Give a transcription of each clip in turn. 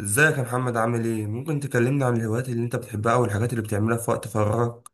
ازيك يا محمد، عامل ايه؟ ممكن تكلمنا عن الهوايات اللي انت بتحبها او الحاجات اللي بتعملها في وقت فراغك؟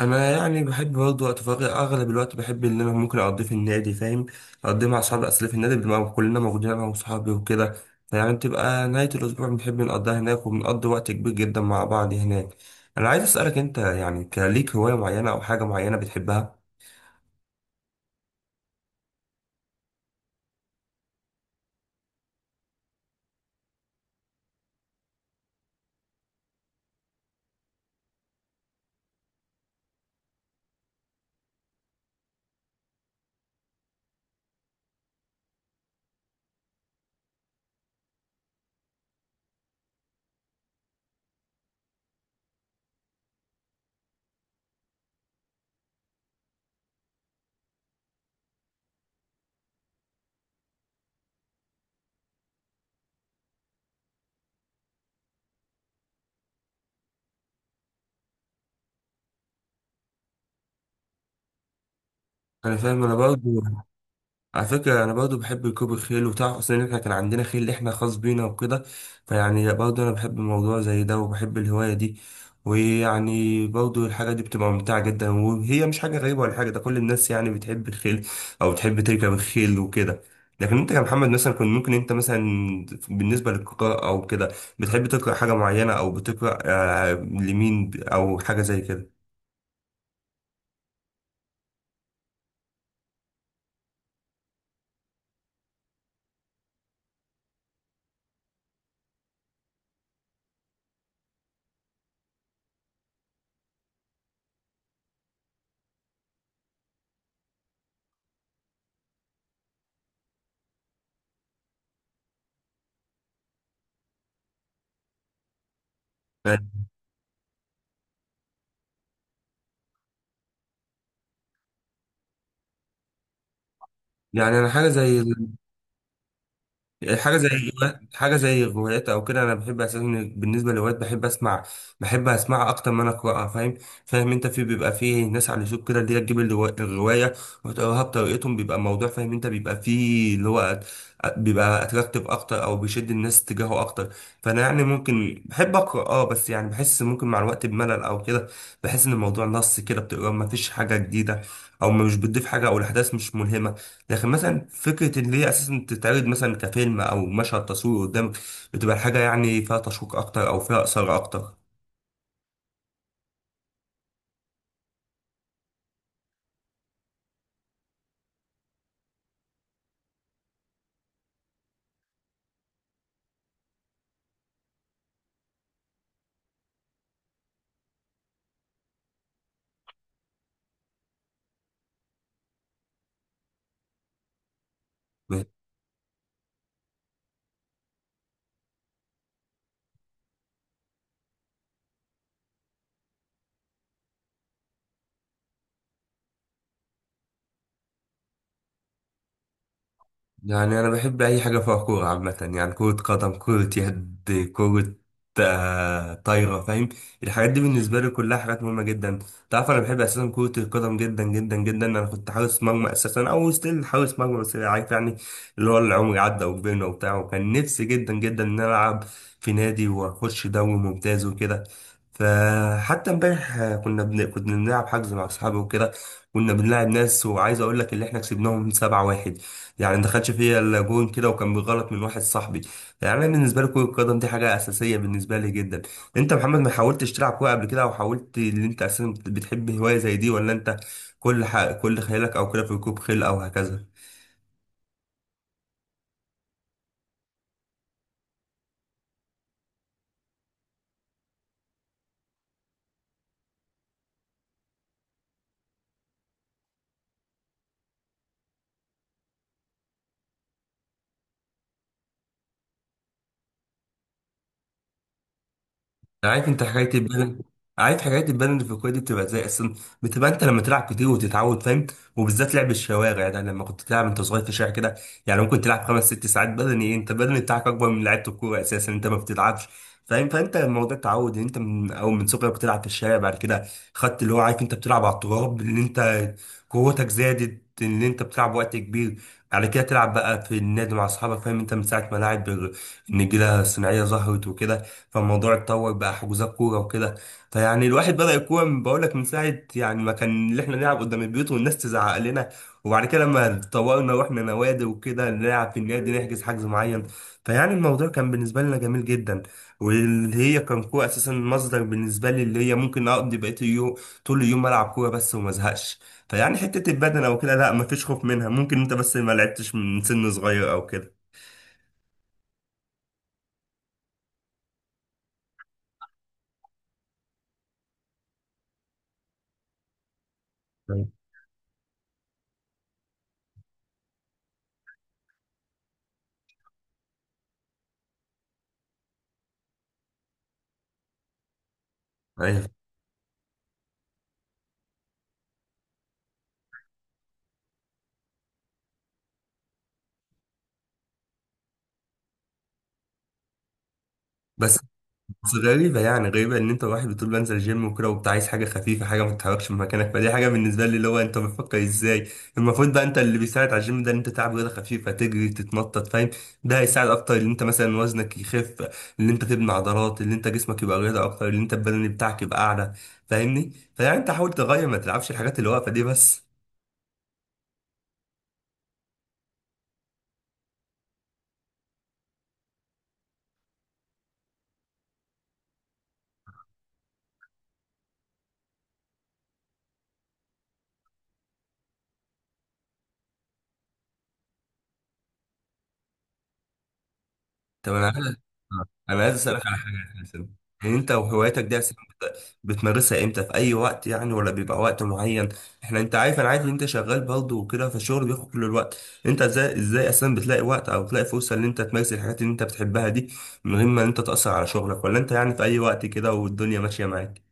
انا يعني بحب برضه وقت فراغي. اغلب الوقت بحب ان انا ممكن اقضيه في النادي. فاهم؟ اقضيه مع اصحابي، اصل في النادي بنبقى كلنا موجودين انا واصحابي وكده. فيعني بتبقى نهاية الاسبوع بنحب نقضيها هناك، وبنقضي وقت كبير جدا مع بعض هناك. انا عايز اسألك انت، يعني كليك هواية معينة او حاجة معينة بتحبها؟ انا فاهم، انا برضه. على فكرة أنا برضو بحب ركوب الخيل، وتعرف أصلا إن إحنا كان عندنا خيل إحنا خاص بينا وكده. فيعني برضو أنا بحب الموضوع زي ده وبحب الهواية دي. ويعني برضو الحاجة دي بتبقى ممتعة جدا، وهي مش حاجة غريبة ولا حاجة، ده كل الناس يعني بتحب الخيل أو بتحب تركب الخيل وكده. لكن أنت كمحمد مثلا، كنت ممكن أنت مثلا بالنسبة للقراءة أو كده بتحب تقرأ حاجة معينة، أو بتقرأ لمين أو حاجة زي كده؟ يعني انا حاجه زي حاجه زي الروايات او كده. انا بحب اساسا، بالنسبه للروايات بحب اسمعها اكتر ما انا اقراها. فاهم؟ فاهم انت؟ بيبقى فيه ناس على اليوتيوب كده اللي هي تجيب الروايه وتقراها بطريقتهم. بيبقى الموضوع، فاهم انت، بيبقى فيه اللي هو بيبقى اتراكتيف اكتر او بيشد الناس تجاهه اكتر. فانا يعني ممكن بحب اقرا، بس يعني بحس ممكن مع الوقت بملل او كده. بحس ان الموضوع نص كده، بتقرا ما فيش حاجه جديده او مش بتضيف حاجه، او الاحداث مش ملهمه. لكن مثلا فكرة إن هي أساسا تتعرض مثلا كفيلم أو مشهد تصوير قدامك، بتبقى حاجة يعني فيها تشويق أكتر أو فيها إثارة أكتر. يعني أنا بحب أي حاجة فيها كورة عامة، يعني كرة قدم، كرة يد، كرة طايرة. فاهم؟ الحاجات دي بالنسبة لي كلها حاجات مهمة جدا. تعرف أنا بحب أساسا كرة القدم جدا جدا جدا. أنا كنت حارس مرمى أساسا، أو ستيل حارس مرمى. بس يعني عارف يعني اللي هو العمر عدى وكبرنا وبتاع، وكان نفسي جدا جدا إن أنا ألعب في نادي وأخش دوري ممتاز وكده. فحتى امبارح كنا بنلعب حجز مع أصحابي وكده. كنا بنلعب ناس، وعايز أقول لك اللي إحنا كسبناهم 7-1. يعني ما دخلش فيا الا جون كده، وكان بغلط من واحد صاحبي. يعني انا بالنسبه لي كره القدم دي حاجه اساسيه بالنسبه لي جدا. انت يا محمد ما حاولتش تلعب كوره قبل كده، او حاولت ان انت اساسا بتحب هوايه زي دي؟ ولا انت كل خيالك او كده في ركوب خيل او هكذا؟ عارف انت حكايه البدن عارف حكايه البدن اللي في الكوره دي، بتبقى زي اصلا. بتبقى انت لما تلعب كتير وتتعود، فاهم؟ وبالذات لعب الشوارع ده، لما كنت تلعب انت صغير في الشارع كده. يعني ممكن تلعب خمس ست ساعات بدني. انت البدن بتاعك اكبر من لعيبه الكوره اساسا، انت ما بتتعبش. فاهم؟ فانت الموضوع تعود، انت من او من صغرك بتلعب في الشارع. بعد كده خدت اللي هو، عارف انت بتلعب على التراب، اللي انت قوتك زادت ان انت بتلعب وقت كبير. على كده تلعب بقى في النادي مع اصحابك. فاهم انت؟ من ساعه ما لاعب النجيله الصناعيه ظهرت وكده، فالموضوع اتطور بقى حجوزات كوره وكده. فيعني الواحد بدأ الكوره بقول لك من ساعه، يعني ما كان اللي احنا نلعب قدام البيوت والناس تزعق لنا. وبعد كده لما اتطورنا واحنا نوادي وكده، نلعب في النادي، نحجز حجز معين. فيعني الموضوع كان بالنسبه لنا جميل جدا. واللي هي كان كوره اساسا مصدر بالنسبه لي، اللي هي ممكن اقضي بقيه اليوم طول اليوم العب كوره بس وما ازهقش. فيعني حته البدن او كده لا، ما فيش خوف منها. ممكن انت بس ما لعبتش من سن صغير او كده. أيوة. بس بس غريبة يعني، غريبة ان انت واحد بتقول بنزل جيم وكده وبتاع، عايز حاجة خفيفة، حاجة ما تتحركش من مكانك. فدي حاجة بالنسبة لي اللي هو انت بتفكر ازاي. المفروض بقى انت اللي بيساعد على الجيم ده ان انت تلعب رياضة خفيفة، تجري تتنطط. فاهم؟ ده هيساعد اكتر ان انت مثلا وزنك يخف، ان انت تبني عضلات، ان انت جسمك يبقى رياضة اكتر، ان انت البدني بتاعك يبقى اعلى. فاهمني؟ فيعني انت حاول تغير، ما تلعبش الحاجات اللي واقفة دي بس. طب انا عايز آه. انا عايز اسالك على حاجه اساسا. يعني انت وهوايتك دي اساسا بتمارسها امتى، في اي وقت يعني، ولا بيبقى وقت معين؟ احنا، انت عارف، انا عارف ان انت شغال برضه وكده، فالشغل بياخد كل الوقت. انت ازاي اساسا بتلاقي وقت او بتلاقي فرصه ان انت تمارس الحاجات اللي انت بتحبها دي من غير ما انت تاثر على شغلك، ولا انت يعني في اي وقت كده والدنيا ماشيه معاك؟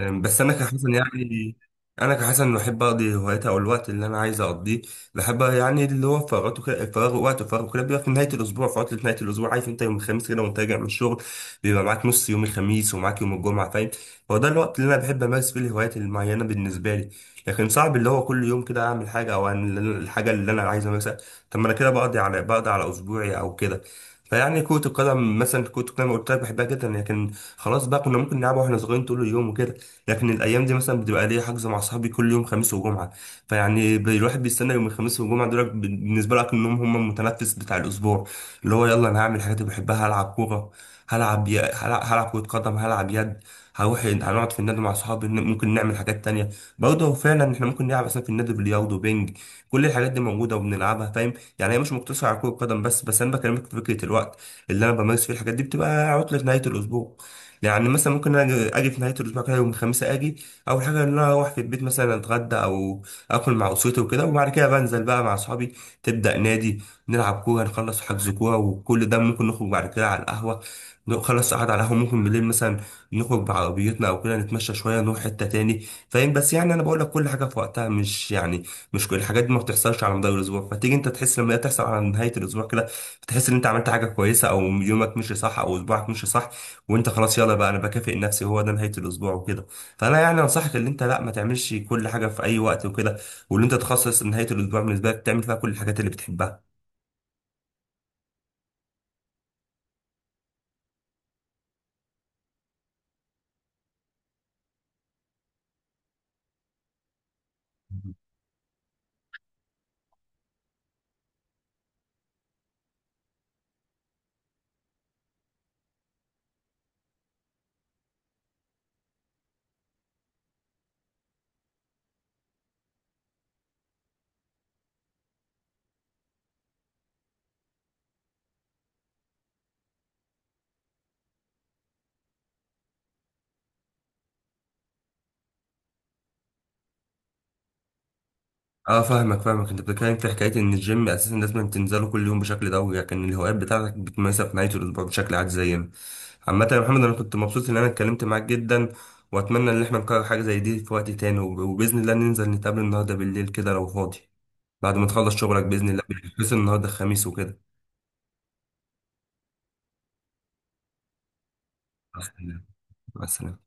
بس انا كحسن بحب اقضي هوايتي او الوقت اللي انا عايز اقضيه. بحب يعني اللي هو فراغاته كده، وقت الفراغ كده بيبقى في نهايه الاسبوع، في عطله نهايه الاسبوع. عارف انت يوم الخميس كده وانت راجع من الشغل، بيبقى معاك نص يوم الخميس ومعاك يوم الجمعه. فاهم؟ هو ده الوقت اللي انا بحب امارس فيه الهوايات المعينه بالنسبه لي. لكن صعب اللي هو كل يوم كده اعمل حاجه، او أعمل الحاجه اللي انا عايز امارسها. طب ما انا كده بقضي على اسبوعي او كده. فيعني كرة القدم مثلا، كرة القدم قلت لك بحبها جدا، لكن خلاص بقى، كنا ممكن نلعبها واحنا صغيرين طول اليوم وكده. لكن الايام دي مثلا بتبقى ليا حجز مع صحابي كل يوم خميس وجمعه. فيعني الواحد بيستنى يوم الخميس والجمعه دول. بالنسبه لك انهم هم المتنفس بتاع الاسبوع، اللي هو يلا انا هعمل الحاجات اللي بحبها. هلعب كوره، هلعب كره قدم، هلعب يد. هروح هنقعد في النادي مع صحابي، ممكن نعمل حاجات تانية. برضه فعلا احنا ممكن نلعب مثلا في النادي بلياردو، بينج. كل الحاجات دي موجوده وبنلعبها. فاهم؟ يعني هي مش مقتصره على كره قدم بس. بس انا بكلمك في فكره الوقت اللي انا بمارس فيه الحاجات دي، بتبقى عطله نهايه الاسبوع. يعني مثلا ممكن أجي في نهايه الاسبوع كده. يوم الخميس اجي، اول حاجه ان انا اروح في البيت مثلا اتغدى او اكل مع اسرتي وكده، وبعد كده بنزل بقى مع اصحابي. تبدا نادي، نلعب كوره، نخلص حجز كوره، وكل ده ممكن نخرج بعد كده على القهوه. نخلص قعد على القهوه، ممكن بالليل مثلا نخرج بعربيتنا او كده، نتمشى شويه، نروح حته تاني. فاهم؟ بس يعني انا بقول لك كل حاجه في وقتها. مش يعني مش كل الحاجات دي ما بتحصلش على مدار الاسبوع، فتيجي انت تحس لما هي تحصل على نهايه الاسبوع كده، بتحس ان انت عملت حاجه كويسه، او يومك مشي صح، او اسبوعك مشي صح، وانت خلاص يلا بقى انا بكافئ نفسي، هو ده نهايه الاسبوع وكده. فانا يعني انصحك ان انت لا، ما تعملش كل حاجه في اي وقت وكده، وان انت تخصص نهايه الاسبوع بالنسبه لك تعمل فيها كل الحاجات اللي بتحبها. اه، فاهمك انت بتتكلم في حكايه ان الجيم اساسا لازم تنزله كل يوم بشكل دوري، لكن الهوايات بتاعتك بتمارسها في نهايه الاسبوع بشكل عادي زينا. عامه يا محمد، انا كنت مبسوط ان انا اتكلمت معاك جدا، واتمنى ان احنا نكرر حاجه زي دي في وقت تاني. وباذن الله ننزل نتقابل النهارده بالليل كده لو فاضي، بعد ما تخلص شغلك باذن الله. بس النهارده الخميس وكده. مع السلامه. مع السلامة.